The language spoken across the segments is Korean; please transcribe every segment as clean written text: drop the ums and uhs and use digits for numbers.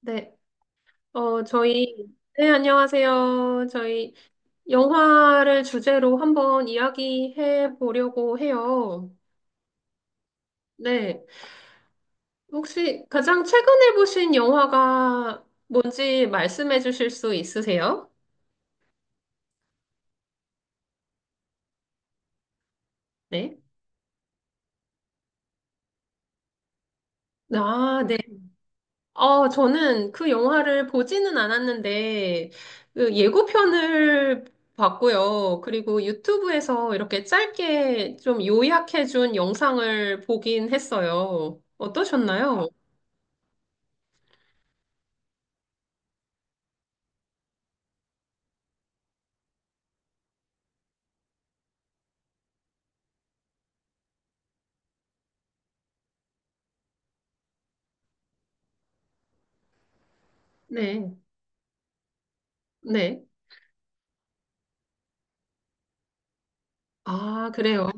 네, 어, 저희, 네, 안녕하세요. 저희 영화를 주제로 한번 이야기해 보려고 해요. 네, 혹시 가장 최근에 보신 영화가 뭔지 말씀해 주실 수 있으세요? 네. 아, 네. 저는 그 영화를 보지는 않았는데, 그 예고편을 봤고요. 그리고 유튜브에서 이렇게 짧게 좀 요약해준 영상을 보긴 했어요. 어떠셨나요? 네, 네. 아, 그래요.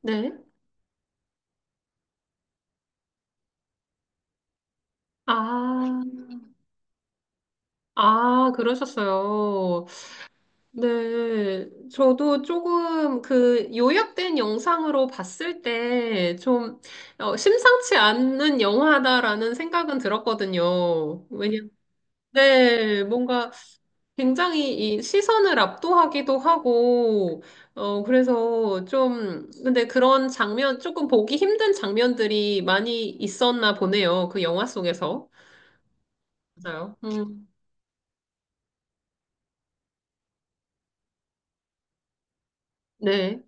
네. 아, 아, 그러셨어요. 네, 저도 조금 그 요약된 영상으로 봤을 때좀 심상치 않은 영화다라는 생각은 들었거든요. 왜냐, 네, 뭔가 굉장히 이 시선을 압도하기도 하고, 그래서 좀, 근데 그런 장면, 조금 보기 힘든 장면들이 많이 있었나 보네요. 그 영화 속에서. 맞아요. 네.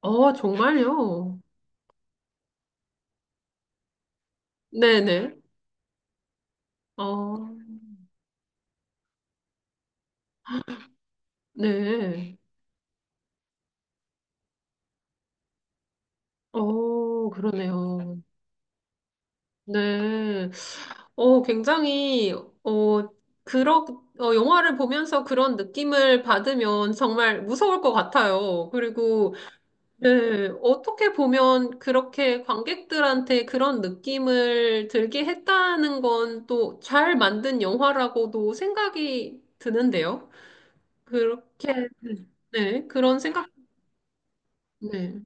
어, 정말요? 네네. 어. 네. 어, 그러네요. 네. 굉장히, 그러, 영화를 보면서 그런 느낌을 받으면 정말 무서울 것 같아요. 그리고, 네, 어떻게 보면 그렇게 관객들한테 그런 느낌을 들게 했다는 건 또 잘 만든 영화라고도 생각이 드는데요. 그렇게, 네, 그런 생각, 네.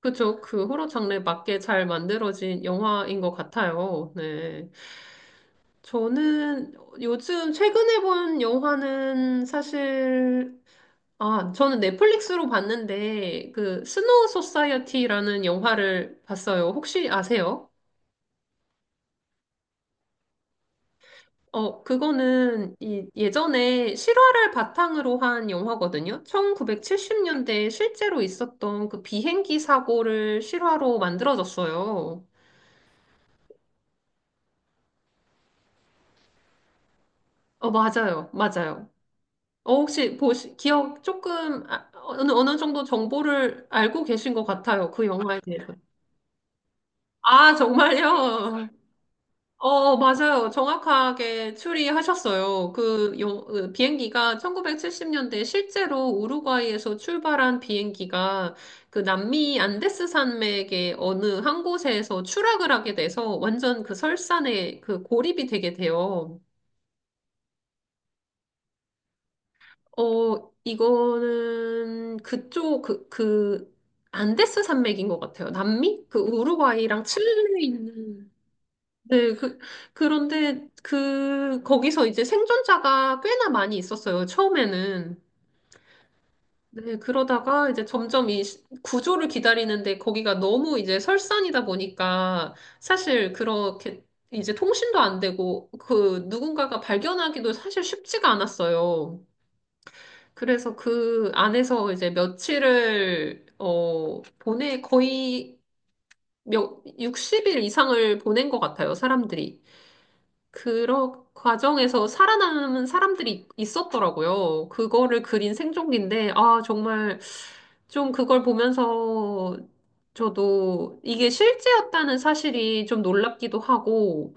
그쵸. 그 호러 장르에 맞게 잘 만들어진 영화인 것 같아요. 네. 저는 요즘 최근에 본 영화는 사실, 아, 저는 넷플릭스로 봤는데, 그, 스노우 소사이어티라는 영화를 봤어요. 혹시 아세요? 그거는 이 예전에 실화를 바탕으로 한 영화거든요. 1970년대에 실제로 있었던 그 비행기 사고를 실화로 만들어졌어요. 맞아요. 맞아요. 혹시 보시, 기억 조금, 아, 어느 정도 정보를 알고 계신 것 같아요. 그 영화에 대해서. 아, 정말요? 맞아요. 정확하게 추리하셨어요. 그 비행기가 1970년대 실제로 우루과이에서 출발한 비행기가 그 남미 안데스 산맥의 어느 한 곳에서 추락을 하게 돼서 완전 그 설산에 그 고립이 되게 돼요. 이거는 그쪽, 안데스 산맥인 것 같아요. 남미? 그 우루과이랑 칠레에 있는. 네, 그런데 거기서 이제 생존자가 꽤나 많이 있었어요. 처음에는. 네, 그러다가 이제 점점 구조를 기다리는데 거기가 너무 이제 설산이다 보니까 사실 그렇게 이제 통신도 안 되고 그 누군가가 발견하기도 사실 쉽지가 않았어요. 그래서 그 안에서 이제 며칠을, 보내, 거의 60일 이상을 보낸 것 같아요, 사람들이. 그런 과정에서 살아남은 사람들이 있었더라고요. 그거를 그린 생존기인데, 아, 정말 좀 그걸 보면서 저도 이게 실제였다는 사실이 좀 놀랍기도 하고,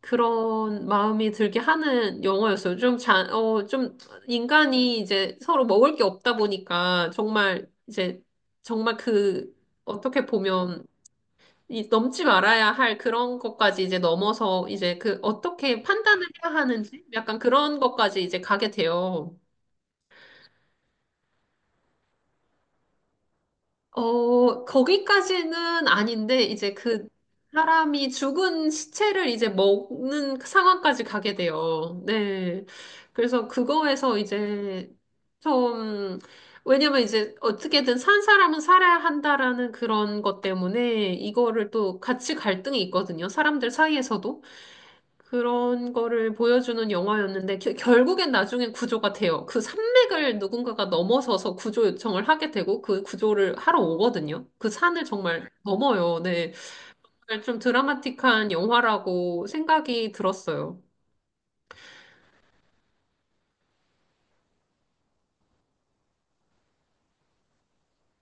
그런 마음이 들게 하는 영화였어요. 좀 자, 좀 인간이 이제 서로 먹을 게 없다 보니까 정말 이제 정말 그 어떻게 보면 이 넘지 말아야 할 그런 것까지 이제 넘어서 이제 그 어떻게 판단을 해야 하는지 약간 그런 것까지 이제 가게 돼요. 거기까지는 아닌데 이제 그 사람이 죽은 시체를 이제 먹는 상황까지 가게 돼요. 네. 그래서 그거에서 이제 좀 왜냐면 이제 어떻게든 산 사람은 살아야 한다라는 그런 것 때문에 이거를 또 같이 갈등이 있거든요. 사람들 사이에서도. 그런 거를 보여주는 영화였는데 결국엔 나중엔 구조가 돼요. 그 산맥을 누군가가 넘어서서 구조 요청을 하게 되고 그 구조를 하러 오거든요. 그 산을 정말 넘어요. 네. 정말 좀 드라마틱한 영화라고 생각이 들었어요.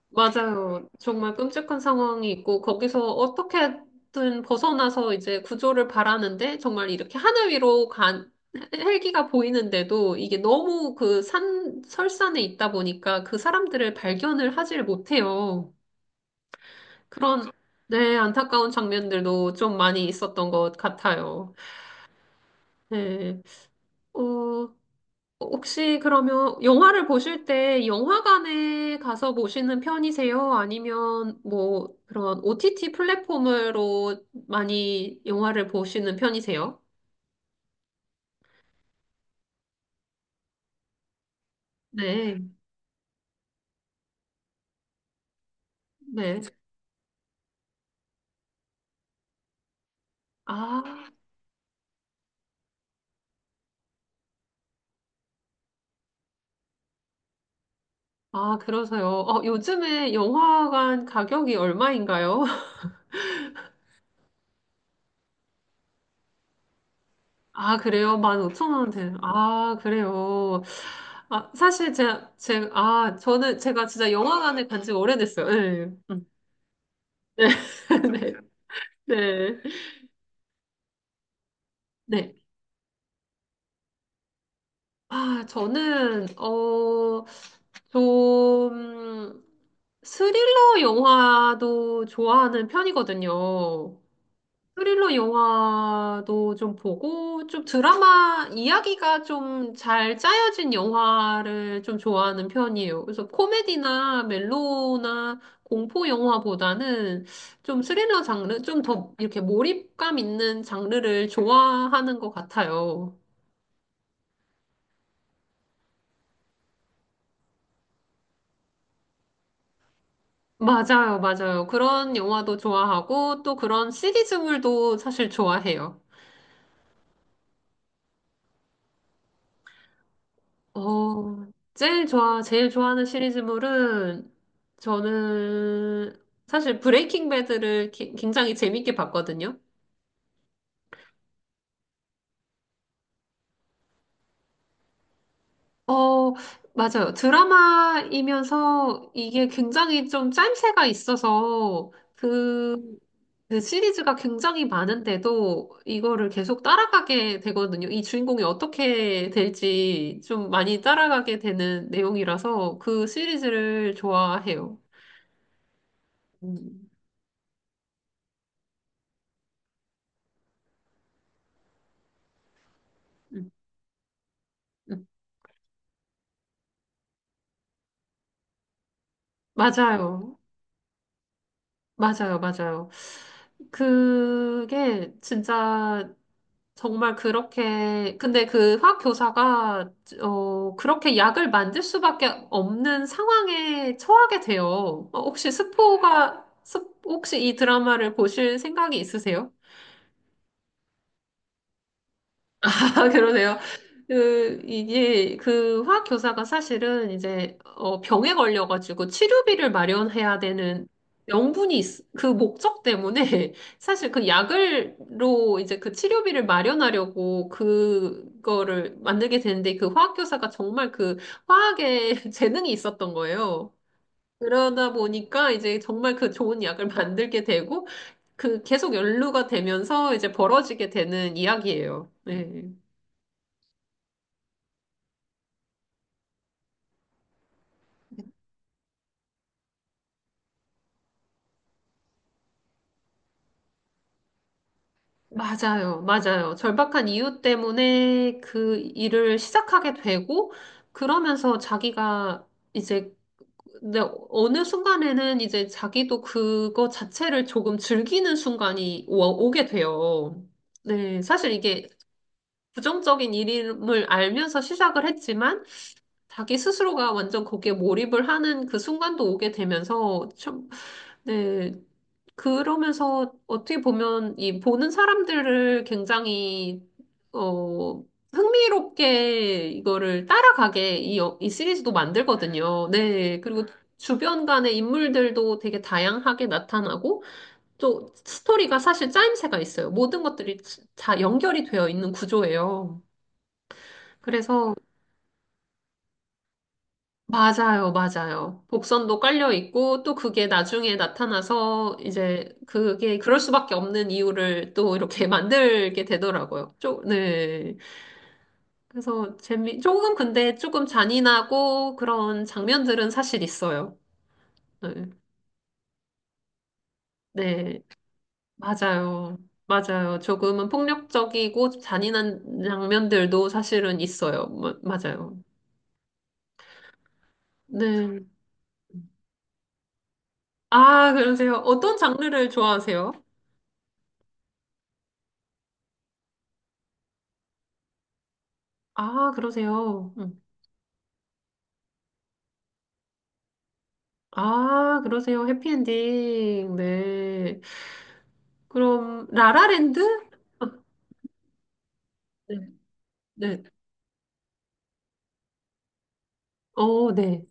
맞아요. 정말 끔찍한 상황이 있고, 거기서 어떻게든 벗어나서 이제 구조를 바라는데, 정말 이렇게 하늘 위로 간, 헬기가 보이는데도 이게 너무 그 산, 설산에 있다 보니까 그 사람들을 발견을 하질 못해요. 그런, 네, 안타까운 장면들도 좀 많이 있었던 것 같아요. 네. 어, 혹시 그러면 영화를 보실 때 영화관에 가서 보시는 편이세요? 아니면 뭐 그런 OTT 플랫폼으로 많이 영화를 보시는 편이세요? 네, 네. 아, 아, 그러세요. 요즘에 영화관 가격이 얼마인가요? 아, 그래요? 15,000원 되는. 아, 그래요. 아, 사실 아, 저는 제가 진짜 영화관에 간지 오래됐어요. 네. 음. 네. 네. 네. 네. 아, 저는, 좀, 스릴러 영화도 좋아하는 편이거든요. 스릴러 영화도 좀 보고, 좀 드라마 이야기가 좀 잘 짜여진 영화를 좀 좋아하는 편이에요. 그래서 코미디나 멜로나 공포 영화보다는 좀 스릴러 장르, 좀 더 이렇게 몰입감 있는 장르를 좋아하는 것 같아요. 맞아요, 맞아요. 그런 영화도 좋아하고 또 그런 시리즈물도 사실 좋아해요. 어, 제일 좋아하는 시리즈물은 저는 사실 브레이킹 배드를 굉장히 재밌게 봤거든요. 어, 맞아요. 드라마이면서 이게 굉장히 좀 짜임새가 있어서 그, 시리즈가 굉장히 많은데도 이거를 계속 따라가게 되거든요. 이 주인공이 어떻게 될지 좀 많이 따라가게 되는 내용이라서 그 시리즈를 좋아해요. 음, 음, 음. 맞아요. 맞아요. 맞아요. 그게 진짜 정말 그렇게, 근데 그 화학 교사가, 그렇게 약을 만들 수밖에 없는 상황에 처하게 돼요. 혹시 스포가, 혹시 이 드라마를 보실 생각이 있으세요? 아, 그러세요. 그, 이게, 그 화학 교사가 사실은 이제, 병에 걸려가지고 치료비를 마련해야 되는 명분이, 그 목적 때문에 사실 그 약을로 이제 그 치료비를 마련하려고 그거를 만들게 되는데 그 화학 교사가 정말 그 화학에 재능이 있었던 거예요. 그러다 보니까 이제 정말 그 좋은 약을 만들게 되고 그 계속 연루가 되면서 이제 벌어지게 되는 이야기예요. 네. 맞아요, 맞아요. 절박한 이유 때문에 그 일을 시작하게 되고, 그러면서 자기가 이제, 근데 어느 순간에는 이제 자기도 그거 자체를 조금 즐기는 순간이 오게 돼요. 네, 사실 이게 부정적인 일임을 알면서 시작을 했지만, 자기 스스로가 완전 거기에 몰입을 하는 그 순간도 오게 되면서, 참, 네, 그러면서 어떻게 보면 이 보는 사람들을 굉장히 어 흥미롭게 이거를 따라가게 이 시리즈도 만들거든요. 네. 그리고 주변 간의 인물들도 되게 다양하게 나타나고 또 스토리가 사실 짜임새가 있어요. 모든 것들이 다 연결이 되어 있는 구조예요. 그래서 맞아요, 맞아요. 복선도 깔려 있고, 또 그게 나중에 나타나서, 이제, 그게, 그럴 수밖에 없는 이유를 또 이렇게 만들게 되더라고요. 네. 그래서 재미, 조금 근데 조금 잔인하고 그런 장면들은 사실 있어요. 네. 네. 맞아요. 맞아요. 조금은 폭력적이고 잔인한 장면들도 사실은 있어요. 맞아요. 네. 아, 그러세요. 어떤 장르를 좋아하세요? 아, 그러세요. 음. 아, 그러세요. 해피엔딩. 네. 그럼, 라라랜드? 네. 네. 네.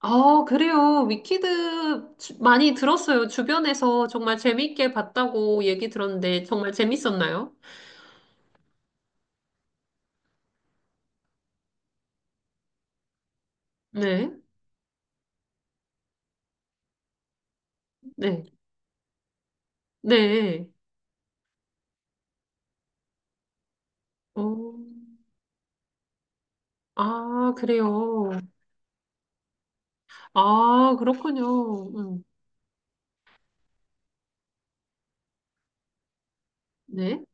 아, 그래요. 위키드 많이 들었어요. 주변에서 정말 재밌게 봤다고 얘기 들었는데, 정말 재밌었나요? 네. 네. 네. 어, 아, 그래요. 아, 그렇군요. 음, 네.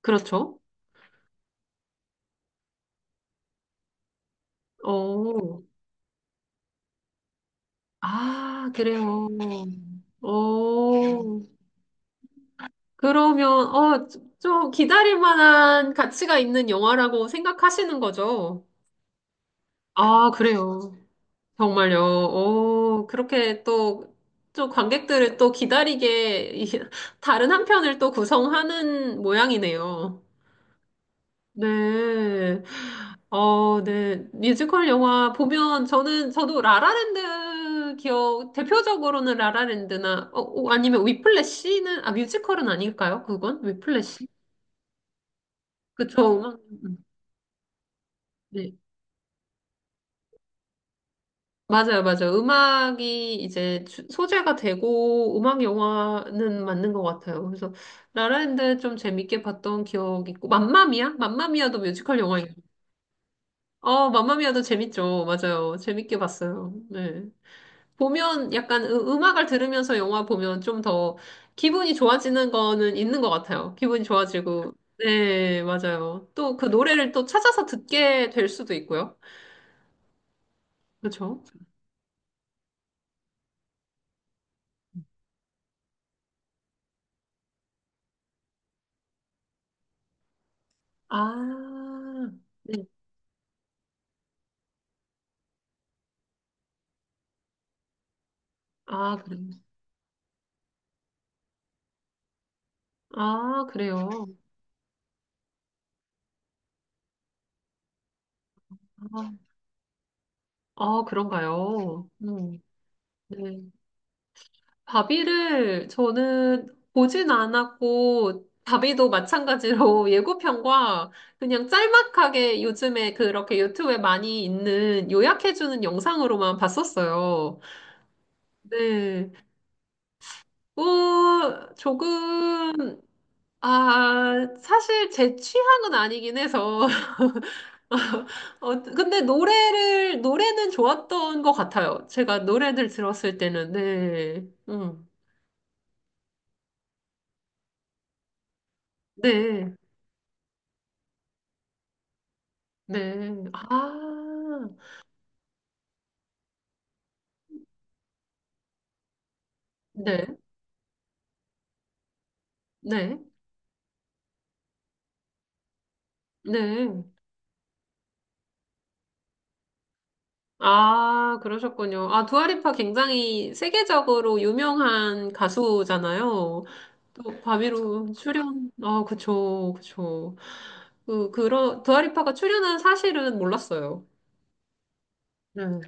그렇죠. 어, 아, 그래요. 어, 그러면, 좀, 기다릴 만한 가치가 있는 영화라고 생각하시는 거죠? 아, 그래요. 정말요. 오, 그렇게 또, 또 관객들을 또 기다리게, 다른 한 편을 또 구성하는 모양이네요. 네. 네. 뮤지컬 영화 보면 저는, 저도 라라랜드 기억, 대표적으로는 라라랜드나, 아니면 위플래시는, 아, 뮤지컬은 아닐까요? 그건? 위플래시? 그쵸. 네. 맞아요, 맞아요. 음악이 이제 소재가 되고 음악 영화는 맞는 것 같아요. 그래서 라라랜드 좀 재밌게 봤던 기억 있고 맘마미아? 맘마미아도 뮤지컬 영화예요. 맘마미아도 재밌죠. 맞아요. 재밌게 봤어요. 네. 보면 약간 음악을 들으면서 영화 보면 좀 더 기분이 좋아지는 거는 있는 것 같아요. 기분이 좋아지고. 네, 맞아요. 또 그 노래를 또 찾아서 듣게 될 수도 있고요. 그렇죠? 아. 네. 아, 그래요. 아, 그래요. 아, 아, 그런가요? 네. 바비를 저는 보진 않았고, 바비도 마찬가지로 예고편과 그냥 짤막하게 요즘에 그렇게 유튜브에 많이 있는 요약해주는 영상으로만 봤었어요. 네. 뭐, 조금, 아, 사실 제 취향은 아니긴 해서, 근데 노래는 좋았던 것 같아요. 제가 노래들 들었을 때는, 네. 네, 네. 아, 네, 네, 네. 아, 그러셨군요. 아, 두아리파 굉장히 세계적으로 유명한 가수잖아요. 또, 바비로 출연, 아, 그쵸, 그쵸. 그런, 두아리파가 출연한 사실은 몰랐어요. 네.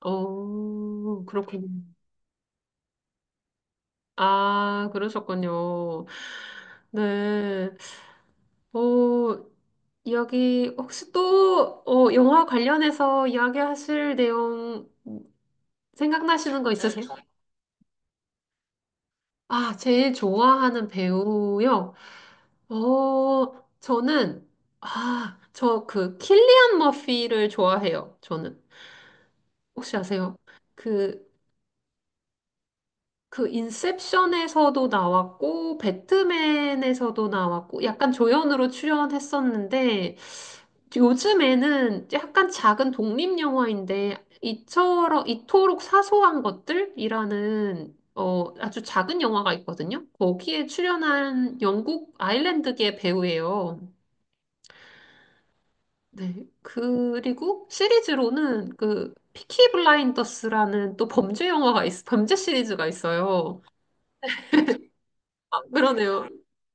그렇군요. 아, 그러셨군요. 네. 어, 이야기, 혹시 또, 영화 관련해서 이야기하실 내용 생각나시는 거 있으세요? 아, 제일 좋아하는 배우요? 저는, 아, 저 그 킬리안 머피를 좋아해요. 저는. 혹시 아세요? 그 그 인셉션에서도 나왔고 배트맨에서도 나왔고 약간 조연으로 출연했었는데 요즘에는 약간 작은 독립 영화인데 이처럼 이토록 사소한 것들이라는 아주 작은 영화가 있거든요. 거기에 출연한 영국 아일랜드계 배우예요. 네. 그리고 시리즈로는 그 피키 블라인더스라는 또 범죄 영화가 있, 범죄 시리즈가 있어요. 그러네요.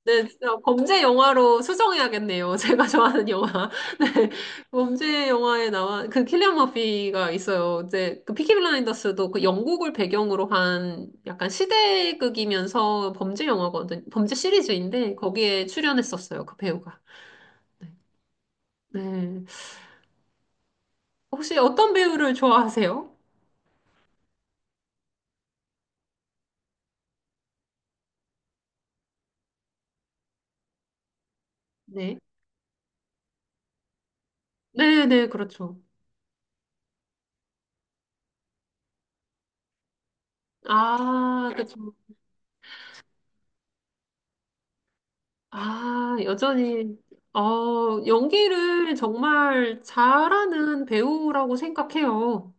네, 진짜 범죄 영화로 수정해야겠네요. 제가 좋아하는 영화. 네, 범죄 영화에 나와 그 킬리안 머피가 있어요. 이제 그 피키 블라인더스도 그 영국을 배경으로 한 약간 시대극이면서 범죄 영화거든, 범죄 시리즈인데 거기에 출연했었어요. 그 배우가. 네. 네. 혹시 어떤 배우를 좋아하세요? 네. 네, 네, 그렇죠. 아, 그렇죠. 아, 여전히, 연기를 정말 잘하는 배우라고 생각해요.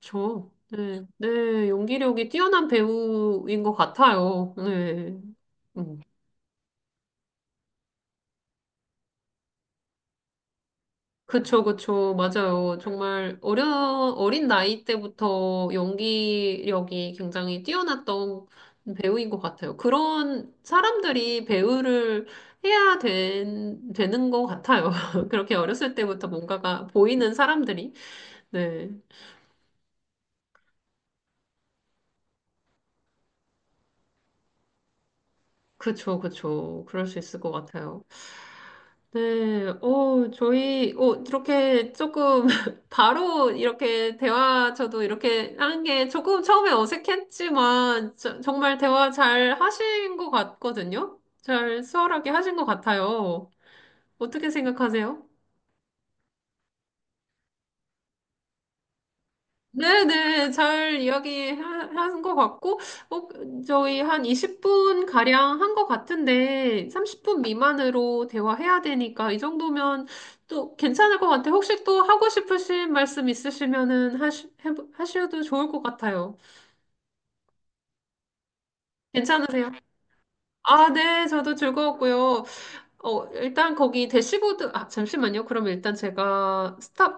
저, 네, 네, 연기력이 뛰어난 배우인 것 같아요. 네. 음. 그쵸, 그쵸. 맞아요. 정말 어린 나이 때부터 연기력이 굉장히 뛰어났던 배우인 것 같아요. 그런 사람들이 배우를 해야 된, 되는 것 같아요. 그렇게 어렸을 때부터 뭔가가 보이는 사람들이. 네. 그쵸, 그쵸. 그럴 수 있을 것 같아요. 네, 이렇게 조금, 바로 이렇게 대화, 저도 이렇게 하는 게 조금 처음에 어색했지만, 정말 대화 잘 하신 것 같거든요? 잘 수월하게 하신 것 같아요. 어떻게 생각하세요? 네네, 잘 이야기한 것 같고, 어, 저희 한 20분 가량 한 것 같은데, 30분 미만으로 대화해야 되니까, 이 정도면 또 괜찮을 것 같아요. 혹시 또 하고 싶으신 말씀 있으시면은 하셔도 좋을 것 같아요. 괜찮으세요? 아, 네, 저도 즐거웠고요. 일단 거기 대시보드, 아, 잠시만요. 그럼 일단 제가 스탑